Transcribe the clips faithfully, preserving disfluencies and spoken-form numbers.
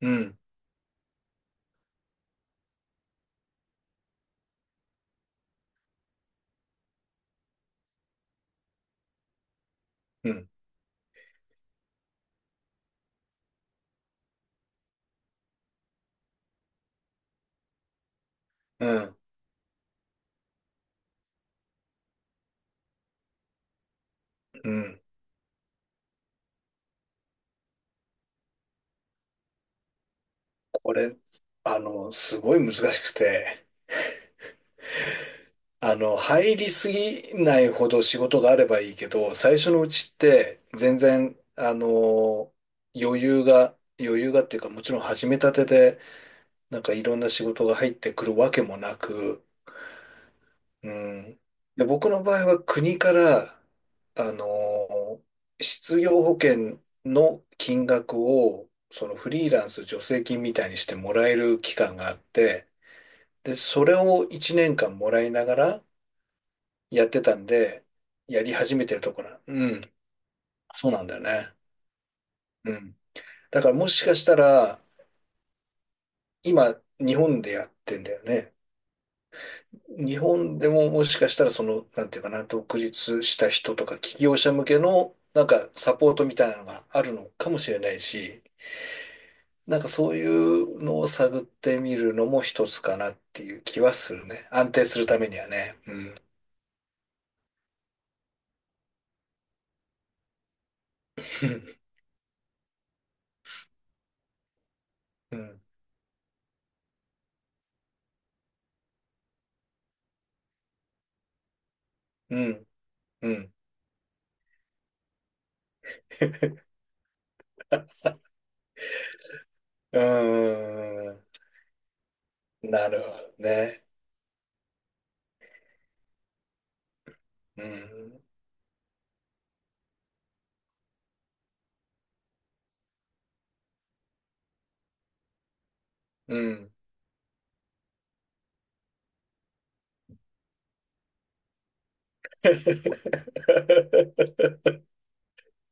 うん、うん、うん、うん。これ、あの、すごい難しくて、あの、入りすぎないほど仕事があればいいけど、最初のうちって全然、あの、余裕が、余裕がっていうか、もちろん始めたてで、なんかいろんな仕事が入ってくるわけもなく、うん。で、僕の場合は国から、あのー失業保険の金額を、そのフリーランス助成金みたいにしてもらえる期間があって、で、それをいちねんかんもらいながらやってたんで、やり始めてるところな。うん。そうなんだよね。うん。だからもしかしたら、今、日本でやってんだよね。日本でももしかしたらその、なんていうかな、独立した人とか起業者向けの、なんかサポートみたいなのがあるのかもしれないし、なんかそういうのを探ってみるのも一つかなっていう気はするね。安定するためにはね。うん。うん。うん。うん。うーんなるほどね。うん。うん。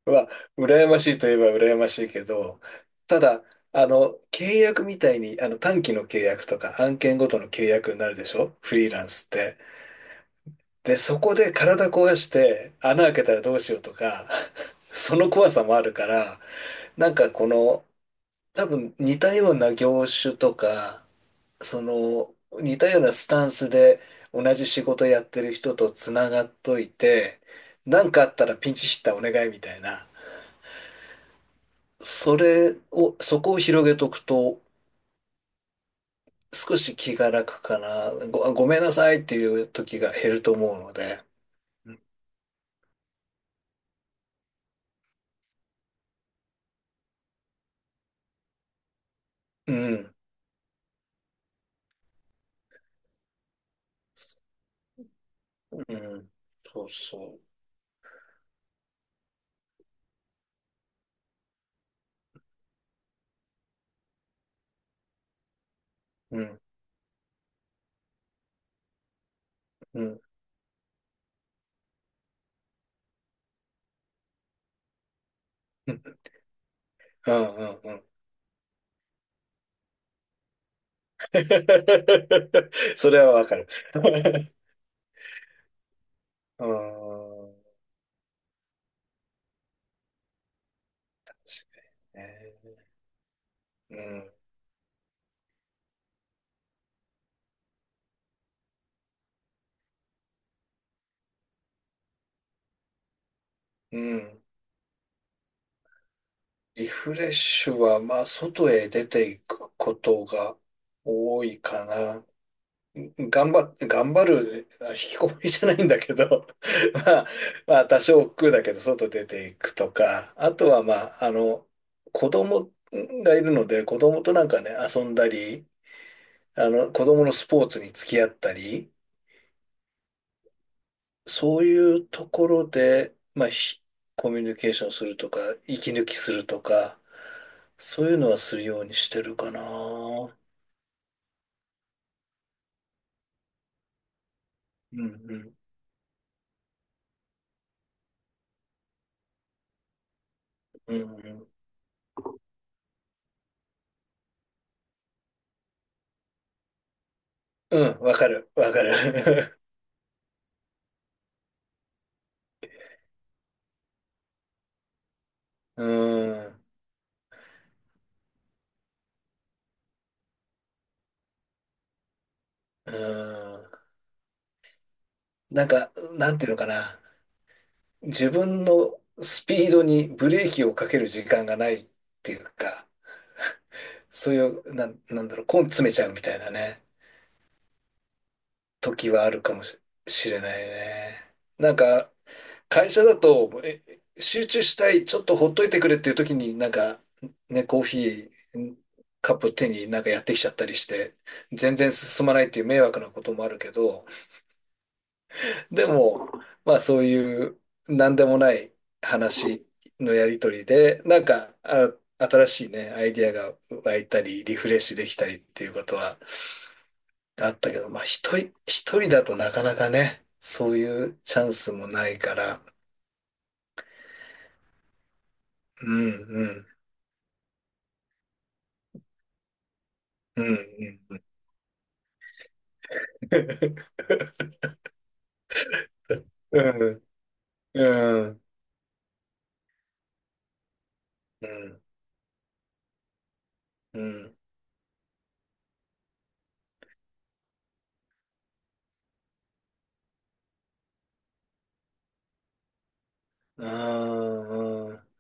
は、羨ましいといえば羨ましいけど、ただ、あの、契約みたいに、あの、短期の契約とか案件ごとの契約になるでしょフリーランスって？で、そこで体壊して穴開けたらどうしようとか、その怖さもあるから、なんかこの、多分似たような業種とか、その、似たようなスタンスで同じ仕事やってる人とつながっといて、なんかあったらピンチヒッターお願いみたいな。それを、そこを広げとくと、少し気が楽かな。ご、ごめんなさいっていう時が減ると思うので。うん。うん。そうそう。うん。うん。うん。うん。うん。それはわかる。うん。ねうん。うん。リフレッシュは、まあ、外へ出ていくことが多いかな。頑張っ、頑張る、あ引きこもりじゃないんだけど、まあ、まあ、多少億劫だけど、外出ていくとか、あとはまあ、あの、子供がいるので、子供となんかね、遊んだり、あの、子供のスポーツに付き合ったり、そういうところで、まあ、ひコミュニケーションするとか、息抜きするとか、そういうのはするようにしてるかな。うんうん、うんうん。うん、わかる、わかる。うん。うん。なんか、なんていうのかな。自分のスピードにブレーキをかける時間がないっていうか、そういう、なん、なんだろう、根詰めちゃうみたいなね、時はあるかもし、しれないね。なんか、会社だと、え、集中したい、ちょっとほっといてくれっていう時に、なんか、ね、コーヒー、カップ手になんかやってきちゃったりして、全然進まないっていう迷惑なこともあるけど、でも、まあそういう何でもない話のやりとりで、なんか、あ、新しいね、アイディアが湧いたり、リフレッシュできたりっていうことはあったけど、まあ一人、一人だとなかなかね、そういうチャンスもないから、うん、うん、うん、うん。うん、うん、うん、うん。あー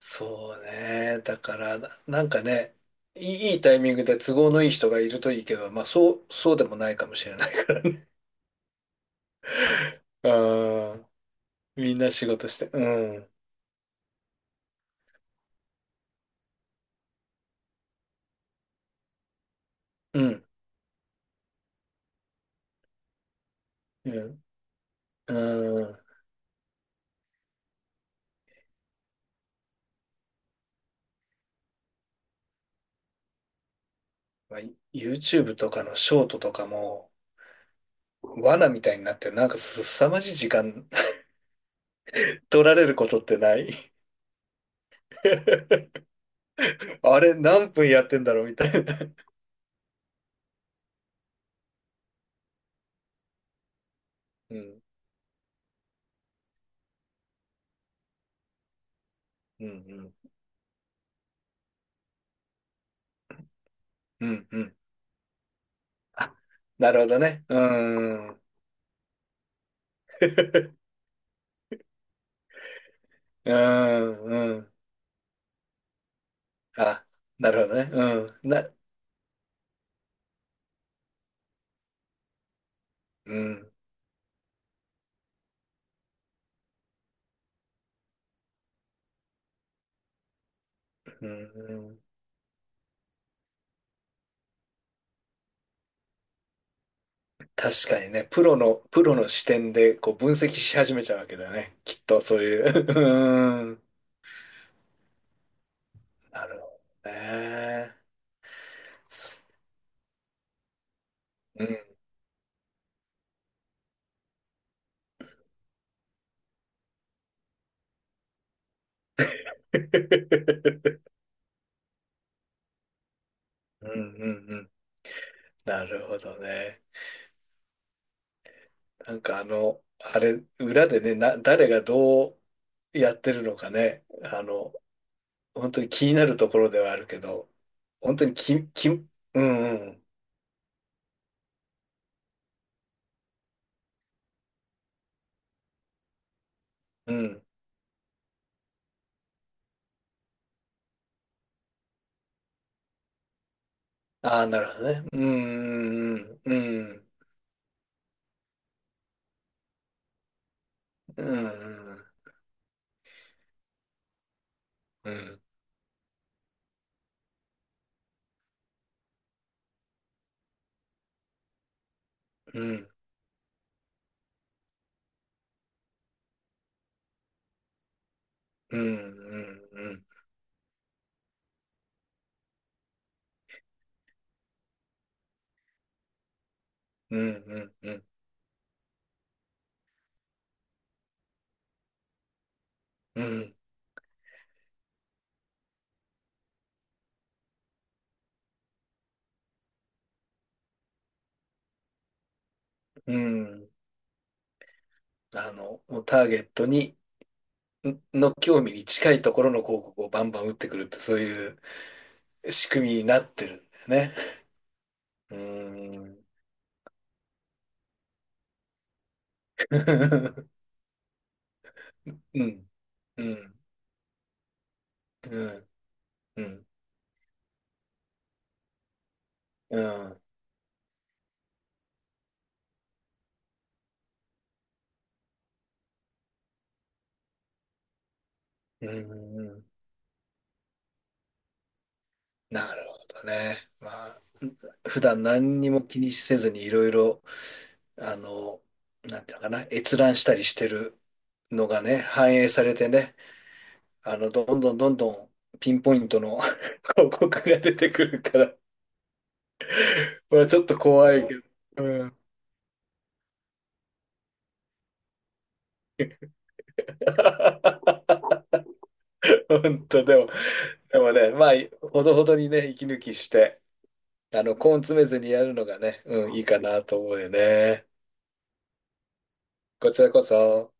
そうね。だから、ななんかね、いい、いいタイミングで都合のいい人がいるといいけど、まあそう、そうでもないかもしれないからね。ああ、みんな仕事して。うん。うん。うん。うん。まあ、ユーチューブ とかのショートとかも、罠みたいになって、なんかすさまじい時間 取られることってない？ あれ、何分やってんだろうみたいな。うん。うん。うん。うん。うん。あ、なるほどね。うん。うん。うん。あ、なるほどね。うん。な、うん。うん。確かにね、プロの、プロの視点でこう分析し始めちゃうわけだね。きっとそういう。うん。なるほどね。そうん。うんうんうん。なるほどね。なんかあの、あれ、裏でね、な、誰がどうやってるのかね。あの、本当に気になるところではあるけど、本当にき、き、うんうん。うんああ、なるほどね。うーん、うん、うん、うん、うん、うん、うん、うん、うん、うん、うん、うん、うんあの、もうターゲットに、の興味に近いところの広告をバンバン打ってくるって、そういう仕組みになってるんだよね。うーん、うん、うん、うん、うん、うん、うんなるほどね。まあ、普段何にも気にせずにいろいろあの、なんていうのかな、閲覧したりしてるのがね、反映されてね、あの、どんどんどんどんピンポイントの 広告が出てくるから、まあちょっと怖いけど、うん。本当、でも、でもね、まあ、ほどほどにね、息抜きして、あの、根詰めずにやるのがね、うん、いいかなと思うよね。こちらこそ。